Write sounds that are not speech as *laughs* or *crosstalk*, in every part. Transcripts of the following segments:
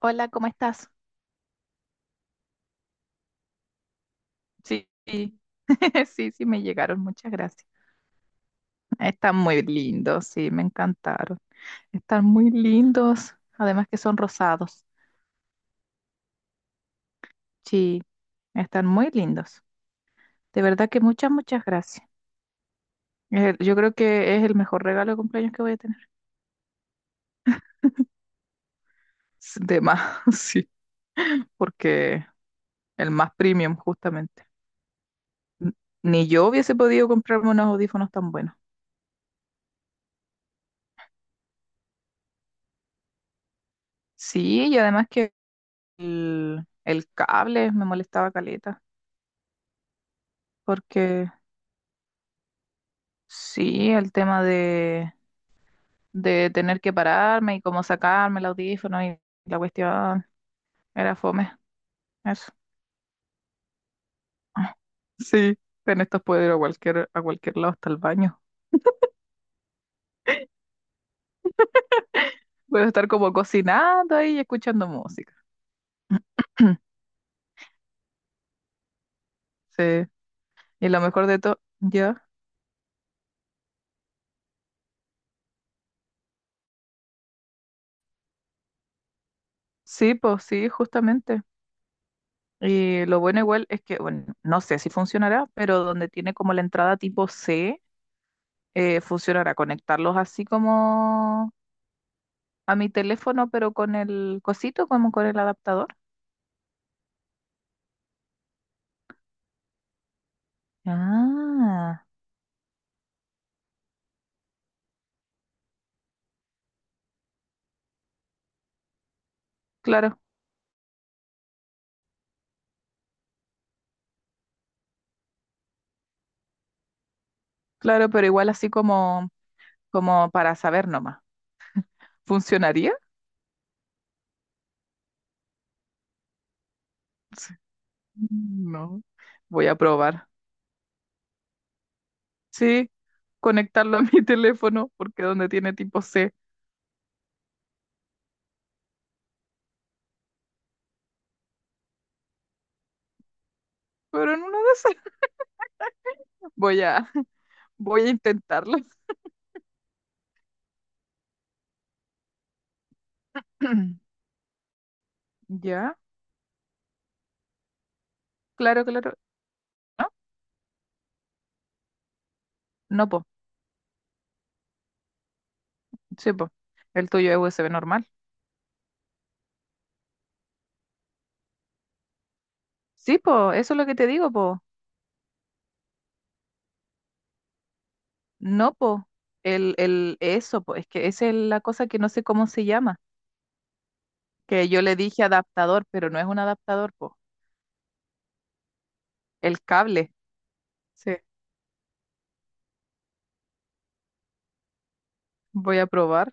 Hola, ¿cómo estás? Sí, sí, *laughs* sí, sí, me llegaron, muchas gracias. Están muy lindos, sí, me encantaron. Están muy lindos, además que son rosados. Sí, están muy lindos. De verdad que muchas, muchas gracias. Yo creo que es el mejor regalo de cumpleaños que voy a tener. De más, *laughs* sí, porque el más premium, justamente. N- Ni yo hubiese podido comprarme unos audífonos tan buenos. Sí, y además que el cable me molestaba caleta, porque sí, el tema de tener que pararme y cómo sacarme el audífono y la cuestión era fome. Eso. *laughs* Sí, en estos puedo ir a cualquier lado hasta el baño. Puedo estar como cocinando ahí y escuchando música. *clears throat* Sí, y lo mejor de todo, ya. Sí, pues sí, justamente. Y lo bueno igual es que, bueno, no sé si funcionará, pero donde tiene como la entrada tipo C, funcionará conectarlos así como a mi teléfono, pero con el cosito, como con el adaptador. Ah, claro, claro, pero igual así como para saber nomás. ¿Funcionaría? Sí. No, voy a probar. Sí, conectarlo a mi teléfono, porque donde tiene tipo C, pero en uno de esas voy a, *laughs* voy a intentarlo. *clears throat* Ya, claro, claro. No, no, po, sí, po. El tuyo es USB normal. Sí, po, eso es lo que te digo, po. No, po, eso, po, es que esa es la cosa que no sé cómo se llama, que yo le dije adaptador, pero no es un adaptador, po, el cable. Sí, voy a probar,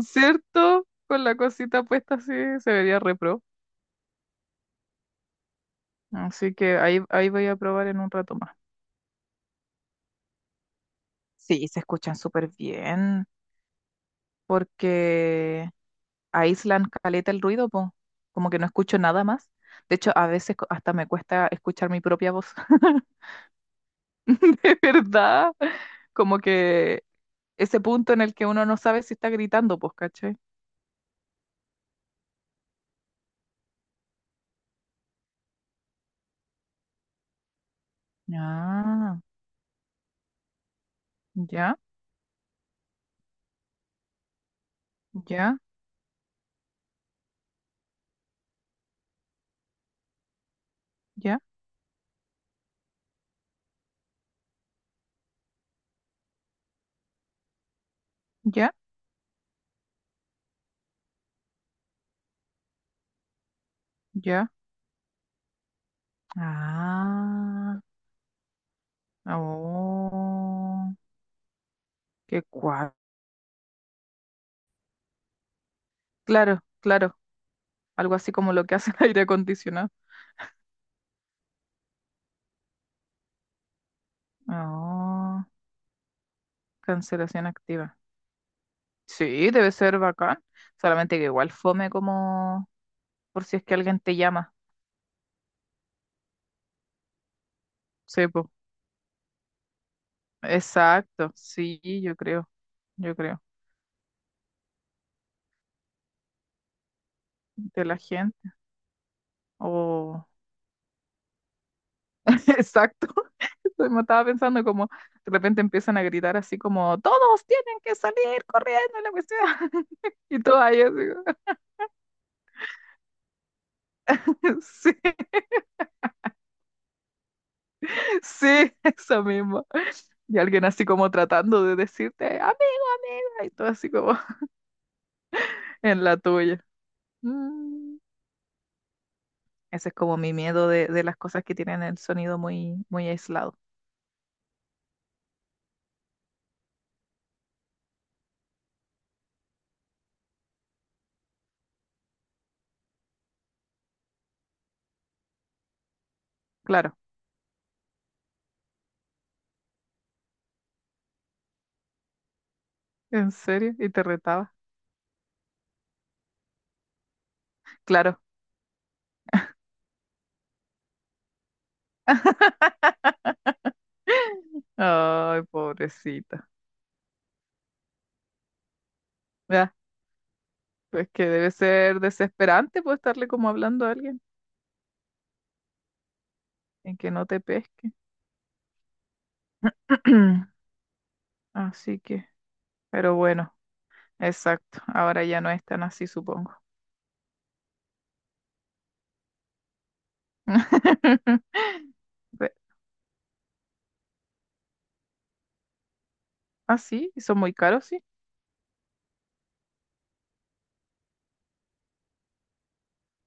¿cierto? Con la cosita puesta así se vería repro. Así que ahí voy a probar en un rato más. Sí, se escuchan súper bien, porque aíslan caleta el ruido, po, como que no escucho nada más. De hecho, a veces hasta me cuesta escuchar mi propia voz, *laughs* de verdad como que ese punto en el que uno no sabe si está gritando, pues, ¿cachai? Ah, ya, ya, ya, ya, ya. Ah, oh, qué cual. Claro, claro, algo así como lo que hace el aire acondicionado. Oh, cancelación activa. Sí, debe ser bacán. Solamente que igual fome como por si es que alguien te llama. Sí, pues. Exacto, sí, yo creo, yo creo. De la gente. Oh, exacto. *laughs* Me estaba pensando como de repente empiezan a gritar así como, todos tienen que salir corriendo y la cuestión. *laughs* Y todo ahí así, *laughs* sí, sí, eso mismo. Y alguien así como tratando de decirte, amigo, amiga, y todo así como *laughs* en la tuya. Mm, Ese es como mi miedo de las cosas que tienen el sonido muy, muy aislado. Claro. ¿En serio? ¿Y te retaba? Claro. *laughs* Ay, pobrecita. Pues que debe ser desesperante pues estarle como hablando a alguien en que no te pesque. *clears throat* Así que, pero bueno, exacto. Ahora ya no es tan así, supongo. *laughs* Ve- Ah, sí, son muy caros, sí.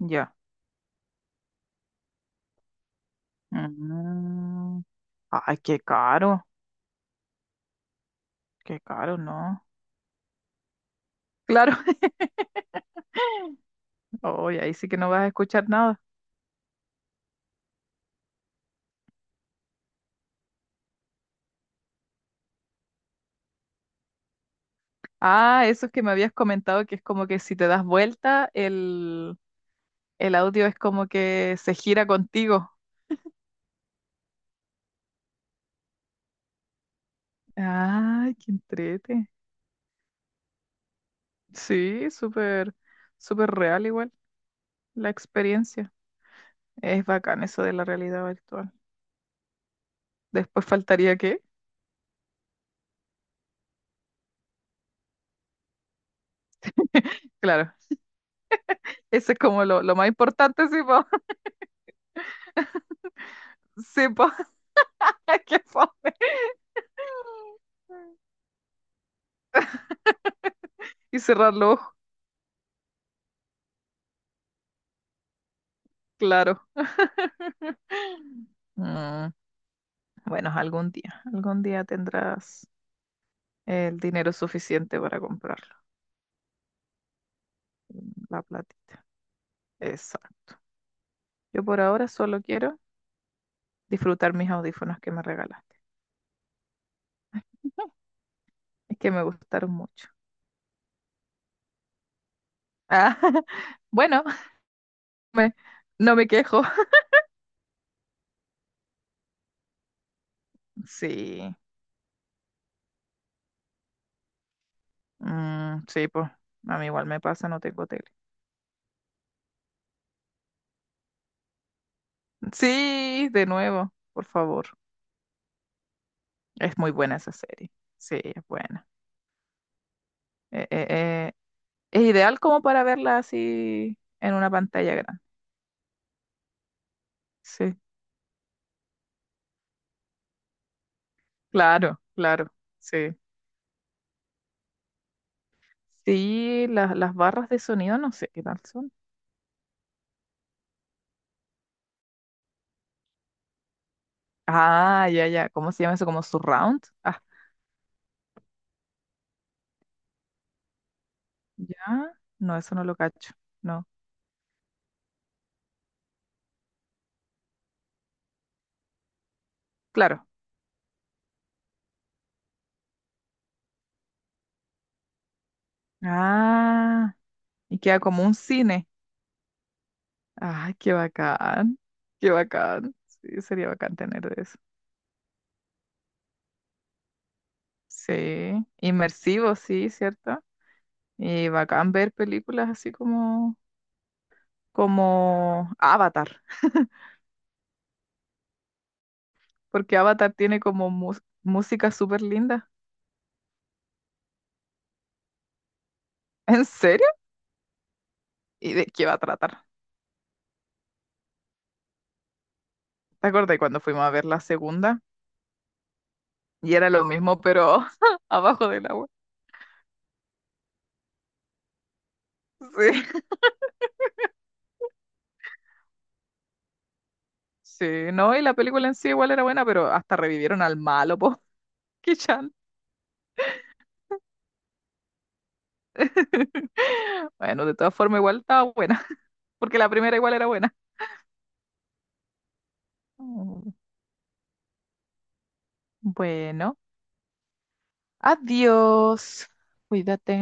Ya. Mm. Ay, qué caro, no. Claro, *laughs* oye, ahí sí que no vas a escuchar nada. Ah, eso es que me habías comentado que es como que si te das vuelta, el audio es como que se gira contigo. Ay, qué entrete. Sí, súper, súper real igual la experiencia. Es bacán eso de la realidad virtual. Después faltaría que, *laughs* claro, eso es como lo más importante, sí, po. *laughs* Sí, po. *laughs* Qué fome. Y cerrar los ojos, claro. *laughs* Mm, bueno, algún día tendrás el dinero suficiente para comprarlo. La plata. Exacto. Yo por ahora solo quiero disfrutar mis audífonos que me regalas. Es que me gustaron mucho. Ah, *laughs* bueno, no me quejo. Sí, sí, pues a mí igual me pasa, no tengo tele. Sí, de nuevo, por favor. Es muy buena esa serie. Sí, es buena. Eh, eh, eh, es ideal como para verla así en una pantalla grande. Sí, claro, claro, sí. Sí, las barras de sonido no sé qué tal son. Ah, ya, ya. ¿Cómo se llama eso? ¿Como surround? Ah, ya. No, eso no lo cacho. No. Claro. Ah, y queda como un cine. Ay, qué bacán, qué bacán. Sí, sería bacán tener de eso. Sí, inmersivo, sí, ¿cierto? Y bacán ver películas así como Avatar, porque Avatar tiene como música súper linda. *laughs* ¿En serio? ¿Y de qué va a tratar? ¿Te acordás cuando fuimos a ver la segunda? Y era lo mismo, pero *laughs* abajo del agua. Sí. *laughs* Sí, no, y la película en sí igual era buena, pero hasta revivieron al malo, po. *laughs* Qué chanta. *laughs* Bueno, de todas formas, igual estaba buena, *laughs* porque la primera igual era buena. Mm, Bueno, adiós. Cuídate.